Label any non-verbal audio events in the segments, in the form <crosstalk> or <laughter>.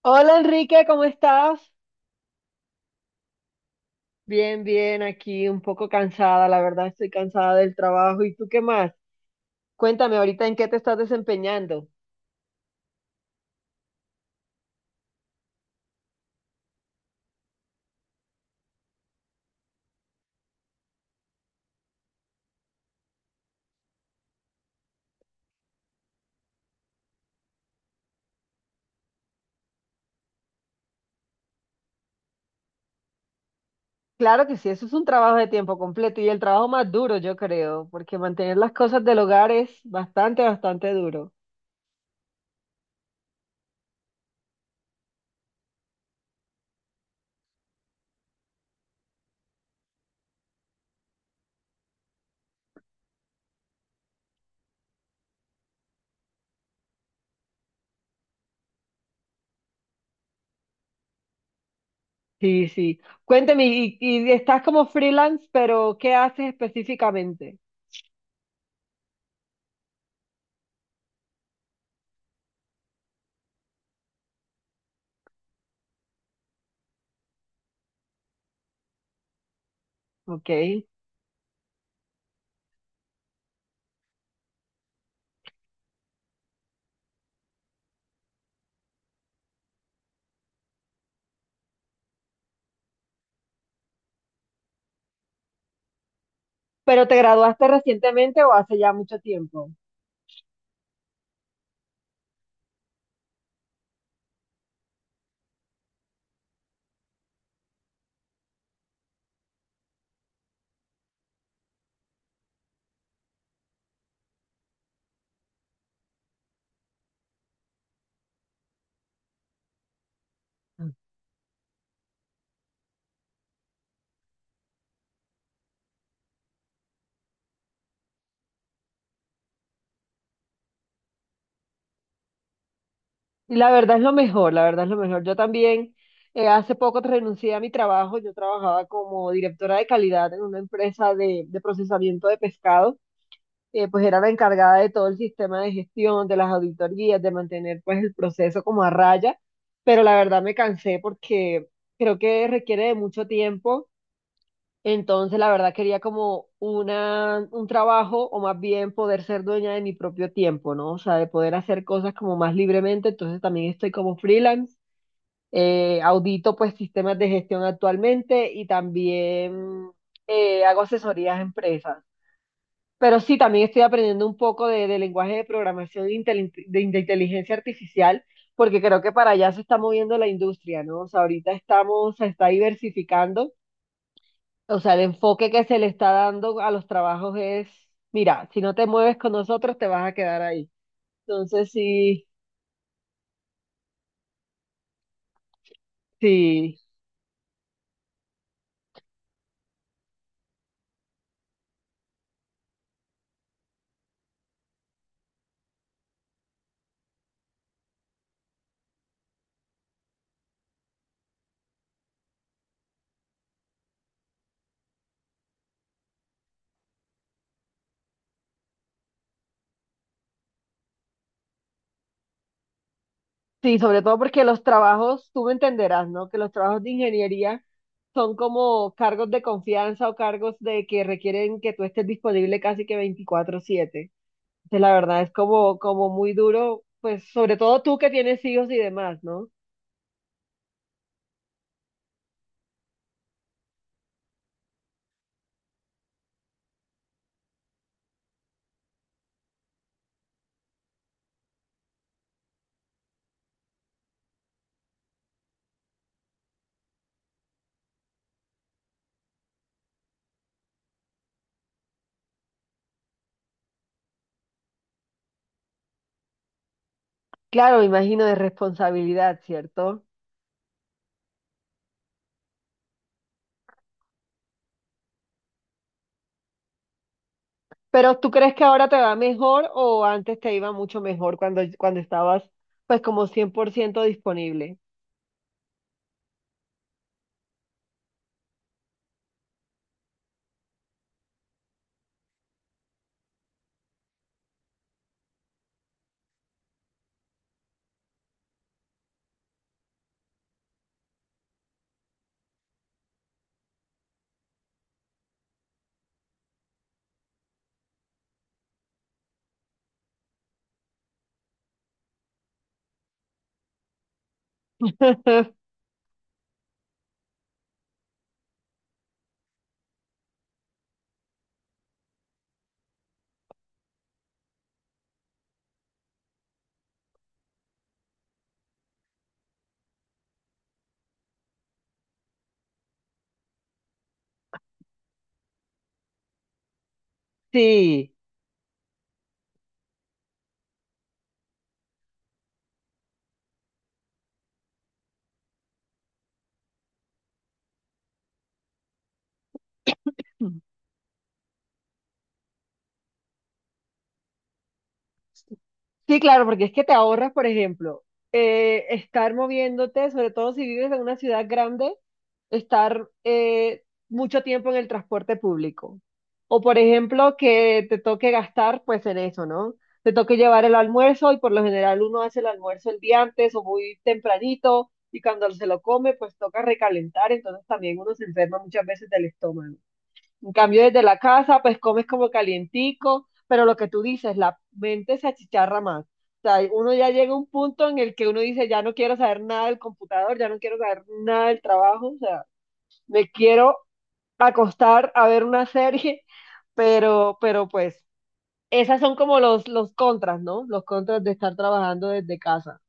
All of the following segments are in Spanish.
Hola Enrique, ¿cómo estás? Bien, bien, aquí un poco cansada, la verdad estoy cansada del trabajo. ¿Y tú qué más? Cuéntame ahorita en qué te estás desempeñando. Claro que sí, eso es un trabajo de tiempo completo y el trabajo más duro, yo creo, porque mantener las cosas del hogar es bastante, bastante duro. Sí, sí. Cuéntame, y estás como freelance, pero ¿qué haces específicamente? Ok. ¿Pero te graduaste recientemente o hace ya mucho tiempo? Y la verdad es lo mejor, la verdad es lo mejor. Yo también hace poco renuncié a mi trabajo. Yo trabajaba como directora de calidad en una empresa de procesamiento de pescado. Pues era la encargada de todo el sistema de gestión, de las auditorías, de mantener pues el proceso como a raya. Pero la verdad me cansé porque creo que requiere de mucho tiempo, entonces la verdad quería como un trabajo o más bien poder ser dueña de mi propio tiempo, ¿no? O sea, de poder hacer cosas como más libremente. Entonces, también estoy como freelance. Audito pues sistemas de gestión actualmente y también hago asesorías a empresas. Pero sí, también estoy aprendiendo un poco de lenguaje de programación de inteligencia artificial, porque creo que para allá se está moviendo la industria, ¿no? O sea, ahorita se está diversificando. O sea, el enfoque que se le está dando a los trabajos es, mira, si no te mueves con nosotros, te vas a quedar ahí. Entonces, sí, sí, sí, sobre todo porque los trabajos, tú me entenderás, ¿no? Que los trabajos de ingeniería son como cargos de confianza o cargos de que requieren que tú estés disponible casi que 24/7. Entonces, la verdad es como, como muy duro, pues sobre todo tú que tienes hijos y demás, ¿no? Claro, me imagino de responsabilidad, ¿cierto? Pero ¿tú crees que ahora te va mejor o antes te iba mucho mejor cuando estabas pues como 100% disponible? <laughs> Sí. Sí, claro, porque es que te ahorras, por ejemplo, estar moviéndote, sobre todo si vives en una ciudad grande, estar mucho tiempo en el transporte público. O, por ejemplo, que te toque gastar, pues, en eso, ¿no? Te toque llevar el almuerzo y por lo general uno hace el almuerzo el día antes o muy tempranito y cuando se lo come, pues toca recalentar, entonces también uno se enferma muchas veces del estómago. En cambio, desde la casa, pues comes como calientico, pero lo que tú dices, la mente se achicharra más. O sea, uno ya llega a un punto en el que uno dice, ya no quiero saber nada del computador, ya no quiero saber nada del trabajo, o sea, me quiero acostar a ver una serie. <laughs> Pero, pues, esas son como los, contras, ¿no? Los contras de estar trabajando desde casa.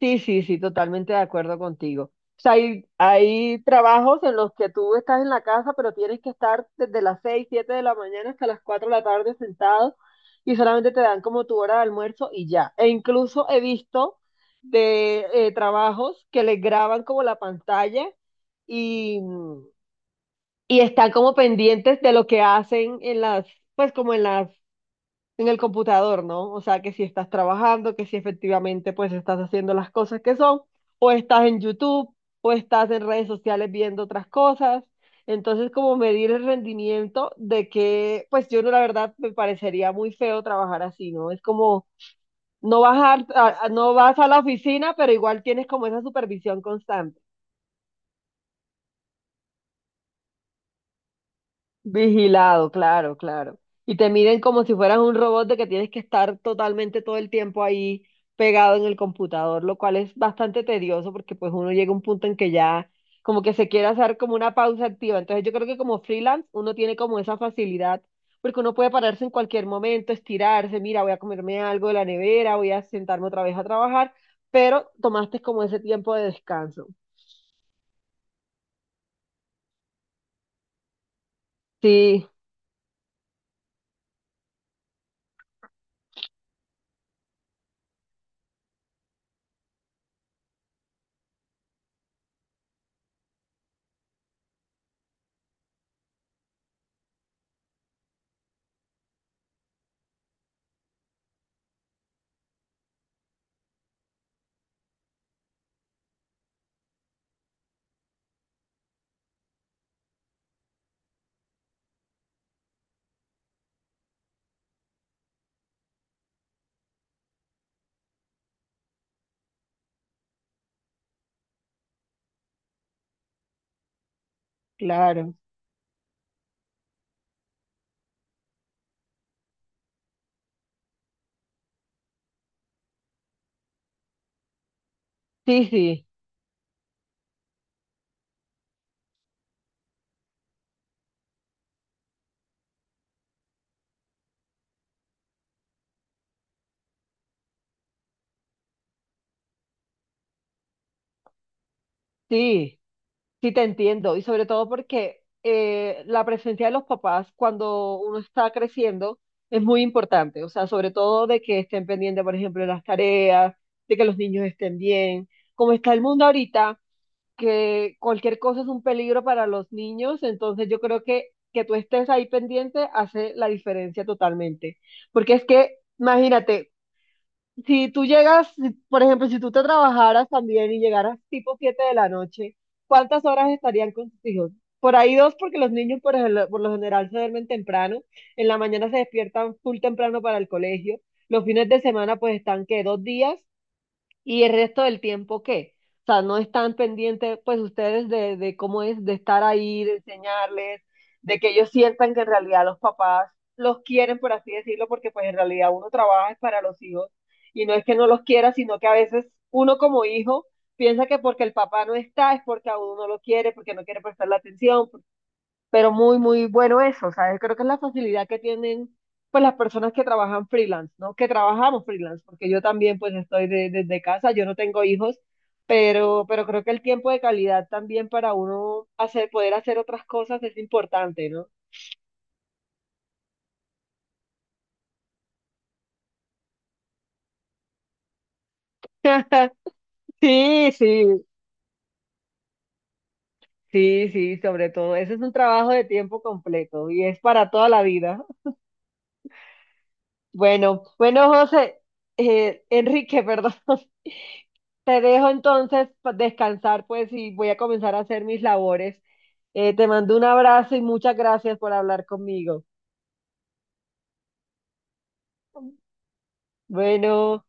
Sí, sí, sí, totalmente de acuerdo contigo. O sea, hay trabajos en los que tú estás en la casa, pero tienes que estar desde las 6 7 de la mañana hasta las 4 de la tarde sentado y solamente te dan como tu hora de almuerzo y ya. E incluso he visto de trabajos que les graban como la pantalla y, están como pendientes de lo que hacen en las, pues como en el computador, ¿no? O sea, que si estás trabajando, que si efectivamente pues estás haciendo las cosas que son, o estás en YouTube, o estás en redes sociales viendo otras cosas. Entonces, como medir el rendimiento de que, pues yo no, la verdad, me parecería muy feo trabajar así, ¿no? Es como, no vas no vas a la oficina, pero igual tienes como esa supervisión constante. Vigilado, claro, claro. Y te miden como si fueras un robot de que tienes que estar totalmente todo el tiempo ahí pegado en el computador, lo cual es bastante tedioso porque pues uno llega a un punto en que ya como que se quiere hacer como una pausa activa. Entonces yo creo que como freelance uno tiene como esa facilidad porque uno puede pararse en cualquier momento, estirarse, mira, voy a comerme algo de la nevera, voy a sentarme otra vez a trabajar, pero tomaste como ese tiempo de descanso. Sí, claro. Sí, sí, sí. Sí, te entiendo, y sobre todo porque la presencia de los papás cuando uno está creciendo es muy importante, o sea, sobre todo de que estén pendientes, por ejemplo, de las tareas, de que los niños estén bien. Como está el mundo ahorita, que cualquier cosa es un peligro para los niños, entonces yo creo que tú estés ahí pendiente hace la diferencia totalmente. Porque es que, imagínate, si tú llegas, si- por ejemplo, si tú te trabajaras también y llegaras tipo 7 de la noche, ¿cuántas horas estarían con tus hijos? Por ahí dos, porque los niños por lo general se duermen temprano, en la mañana se despiertan full temprano para el colegio, los fines de semana pues están que 2 días. ¿Y el resto del tiempo qué? O sea, no están pendientes, pues ustedes, de cómo es, de estar ahí, de enseñarles, de que ellos sientan que en realidad los papás los quieren, por así decirlo, porque pues en realidad uno trabaja es para los hijos y no es que no los quiera, sino que a veces uno como hijo piensa que porque el papá no está es porque a uno no lo quiere, porque no quiere prestarle atención, pero muy, muy bueno eso. O sea, creo que es la facilidad que tienen pues las personas que trabajan freelance, ¿no? Que trabajamos freelance, porque yo también pues estoy desde casa, yo no tengo hijos, pero creo que el tiempo de calidad también para uno hacer, poder hacer otras cosas es importante, ¿no? <laughs> Sí, sí, sí, sí, sobre todo. Ese es un trabajo de tiempo completo y es para toda la vida. Bueno, bueno, José, Enrique, <laughs> perdón. Te dejo entonces descansar, pues, y voy a comenzar a hacer mis labores. Te mando un abrazo y muchas gracias por hablar conmigo. Bueno.